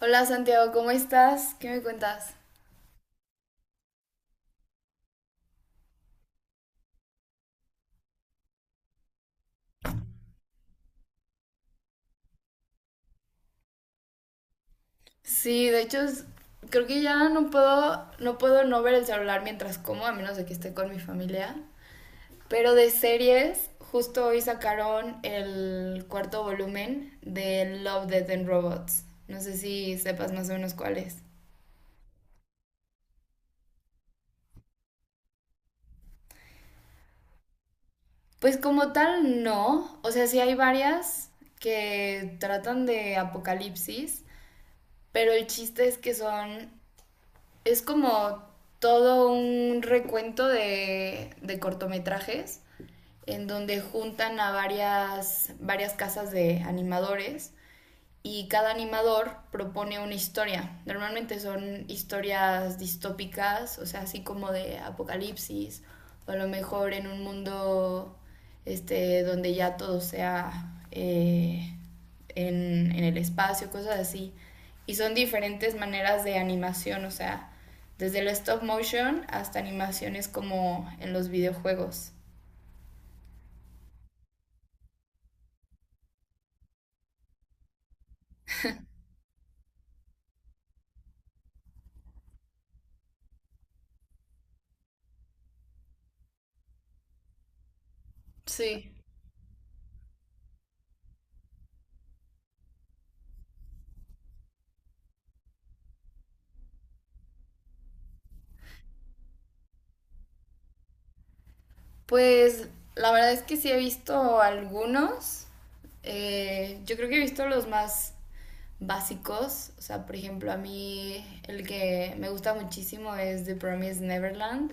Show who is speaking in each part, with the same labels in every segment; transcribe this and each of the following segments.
Speaker 1: Hola Santiago, ¿cómo estás? ¿Qué me cuentas? Sí, de hecho creo que ya no puedo no ver el celular mientras como, a menos de que esté con mi familia. Pero de series, justo hoy sacaron el cuarto volumen de Love, Death and Robots. No sé si sepas más o menos cuál es. Pues como tal no, o sea, sí hay varias que tratan de apocalipsis, pero el chiste es que son. Es como todo un recuento de cortometrajes en donde juntan a varias casas de animadores y cada animador propone una historia. Normalmente son historias distópicas, o sea, así como de apocalipsis, o a lo mejor en un mundo este, donde ya todo sea en el espacio, cosas así. Y son diferentes maneras de animación, o sea, desde el stop motion hasta animaciones como en los videojuegos. Sí, pues la verdad es que sí he visto algunos. Yo creo que he visto los más básicos. O sea, por ejemplo, a mí el que me gusta muchísimo es The Promised Neverland.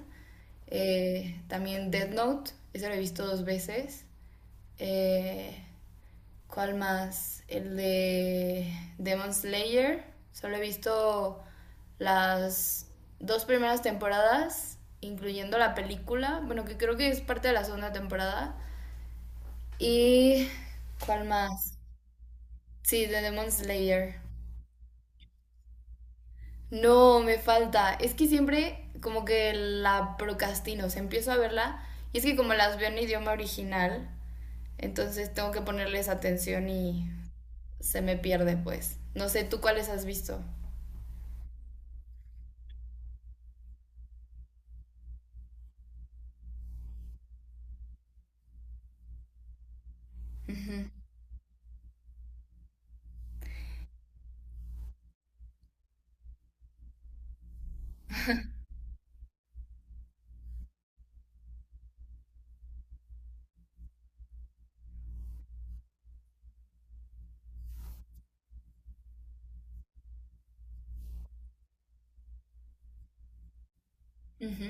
Speaker 1: También Death Note. Ese lo he visto dos veces. Eh, ¿Cuál más? El de Demon Slayer. Solo he visto las dos primeras temporadas, incluyendo la película. Bueno, que creo que es parte de la segunda temporada. ¿Y cuál más? Sí, de Demon Slayer. No, me falta. Es que siempre como que la procrastino. O sea, empiezo a verla y es que como las veo en idioma original, entonces tengo que ponerles atención y se me pierde, pues. No sé, ¿tú cuáles has visto? Ujú, ujú.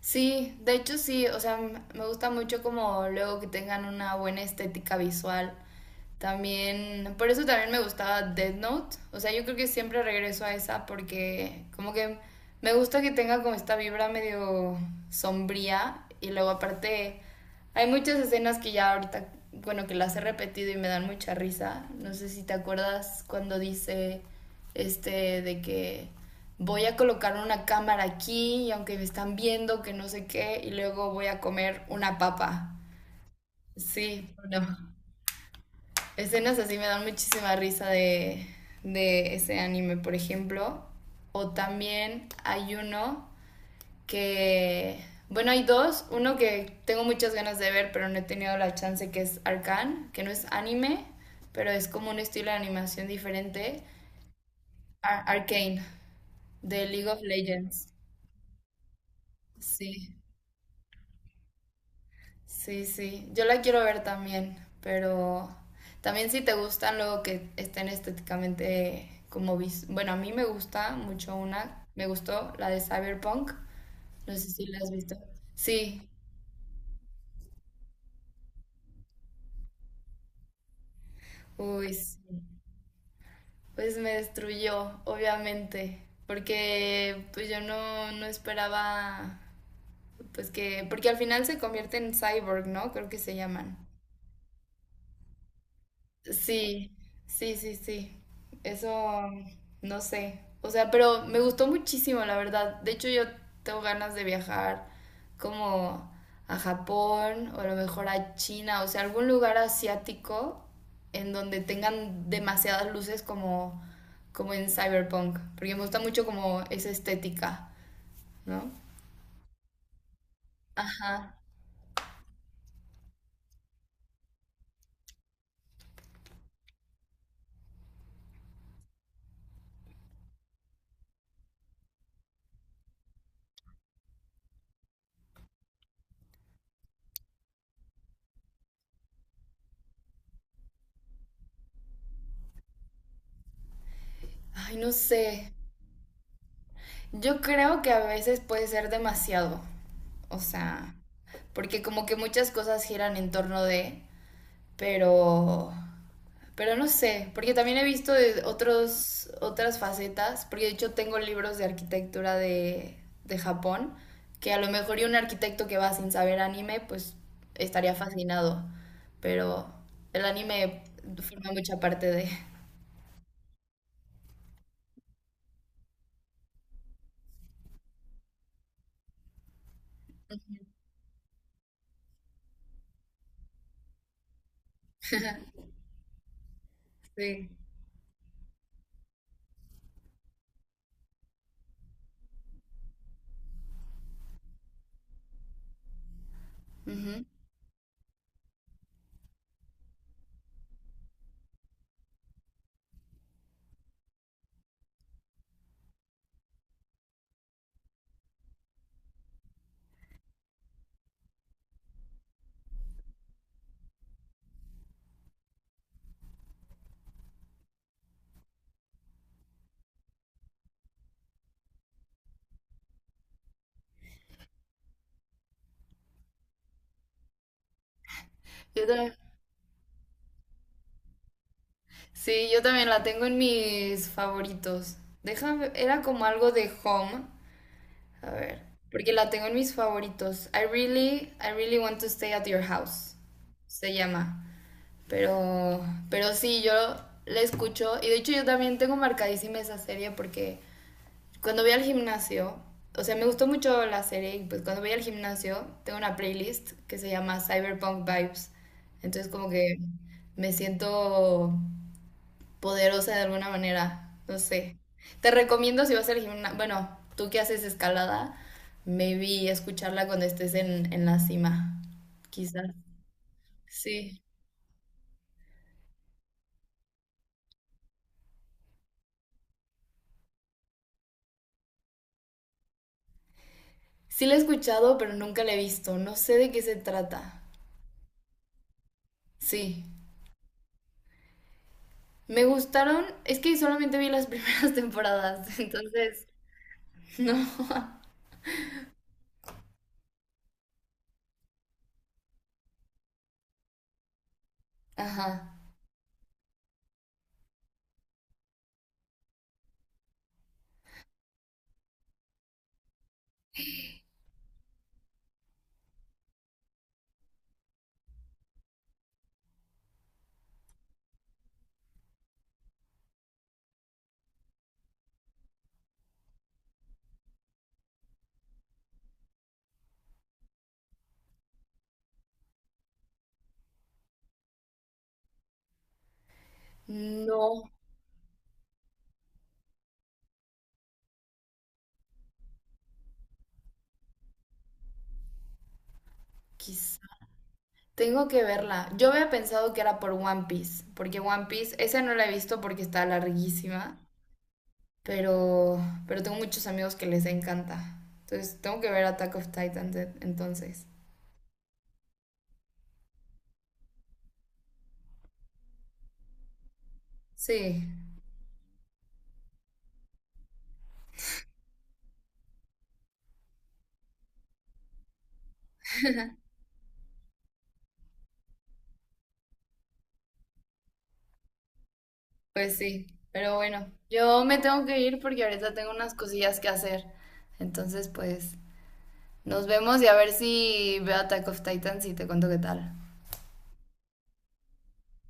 Speaker 1: Sí, de hecho sí, o sea, me gusta mucho como luego que tengan una buena estética visual. También, por eso también me gustaba Death Note. O sea, yo creo que siempre regreso a esa porque como que me gusta que tenga como esta vibra medio sombría y luego aparte. Hay muchas escenas que ya ahorita, bueno, que las he repetido y me dan mucha risa. No sé si te acuerdas cuando dice este de que voy a colocar una cámara aquí y aunque me están viendo que no sé qué y luego voy a comer una papa. Sí, no. Escenas así me dan muchísima risa de ese anime, por ejemplo. O también hay uno que, bueno, hay dos, uno que tengo muchas ganas de ver, pero no he tenido la chance, que es Arcane, que no es anime, pero es como un estilo de animación diferente, Arcane, de League of Legends. Sí, sí, sí, yo la quiero ver también, pero también si te gustan luego que estén estéticamente como, bueno, a mí me gusta mucho una, me gustó la de Cyberpunk, no sé si la has visto. Sí, uy. Sí. Pues me destruyó, obviamente, porque pues yo no, no esperaba, pues que, porque al final se convierte en cyborg, ¿no? Creo que se llaman. Sí, sí, sí, sí. Eso, no sé. O sea, pero me gustó muchísimo, la verdad. De hecho, yo tengo ganas de viajar como a Japón o a lo mejor a China, o sea, algún lugar asiático en donde tengan demasiadas luces como, como en Cyberpunk, porque me gusta mucho como esa estética, ¿no? Ajá. Ay, no sé. Yo creo que a veces puede ser demasiado, o sea, porque como que muchas cosas giran en torno de, pero, pero no sé, porque también he visto de otros, otras facetas, porque de hecho tengo libros de arquitectura de Japón, que a lo mejor y un arquitecto que va sin saber anime, pues estaría fascinado, pero el anime forma mucha parte de... Sí. Ujú. Yo también. Sí, yo también la tengo en mis favoritos. Déjame, era como algo de home. A ver, porque la tengo en mis favoritos. I really want to stay at your house. Se llama. Pero, pero sí, yo la escucho. Y de hecho yo también tengo marcadísima esa serie porque cuando voy al gimnasio, o sea, me gustó mucho la serie. Y pues cuando voy al gimnasio, tengo una playlist que se llama Cyberpunk Vibes. Entonces como que me siento poderosa de alguna manera. No sé. Te recomiendo si vas al gimnasio, bueno, tú que haces escalada, maybe escucharla cuando estés en la cima. Quizás. Sí. Sí la he escuchado, pero nunca la he visto. No sé de qué se trata. Sí. Me gustaron, es que solamente vi las primeras temporadas, entonces, no. Ajá. No, quizá. Tengo que verla. Yo había pensado que era por One Piece, porque One Piece, esa no la he visto porque está larguísima. Pero, pero tengo muchos amigos que les encanta. Entonces, tengo que ver Attack of Titans entonces. Sí, pues sí. Pero bueno, yo me tengo que ir porque ahorita tengo unas cosillas que hacer. Entonces, pues, nos vemos y a ver si veo Attack of Titans y te cuento qué tal.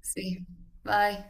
Speaker 1: Sí, bye.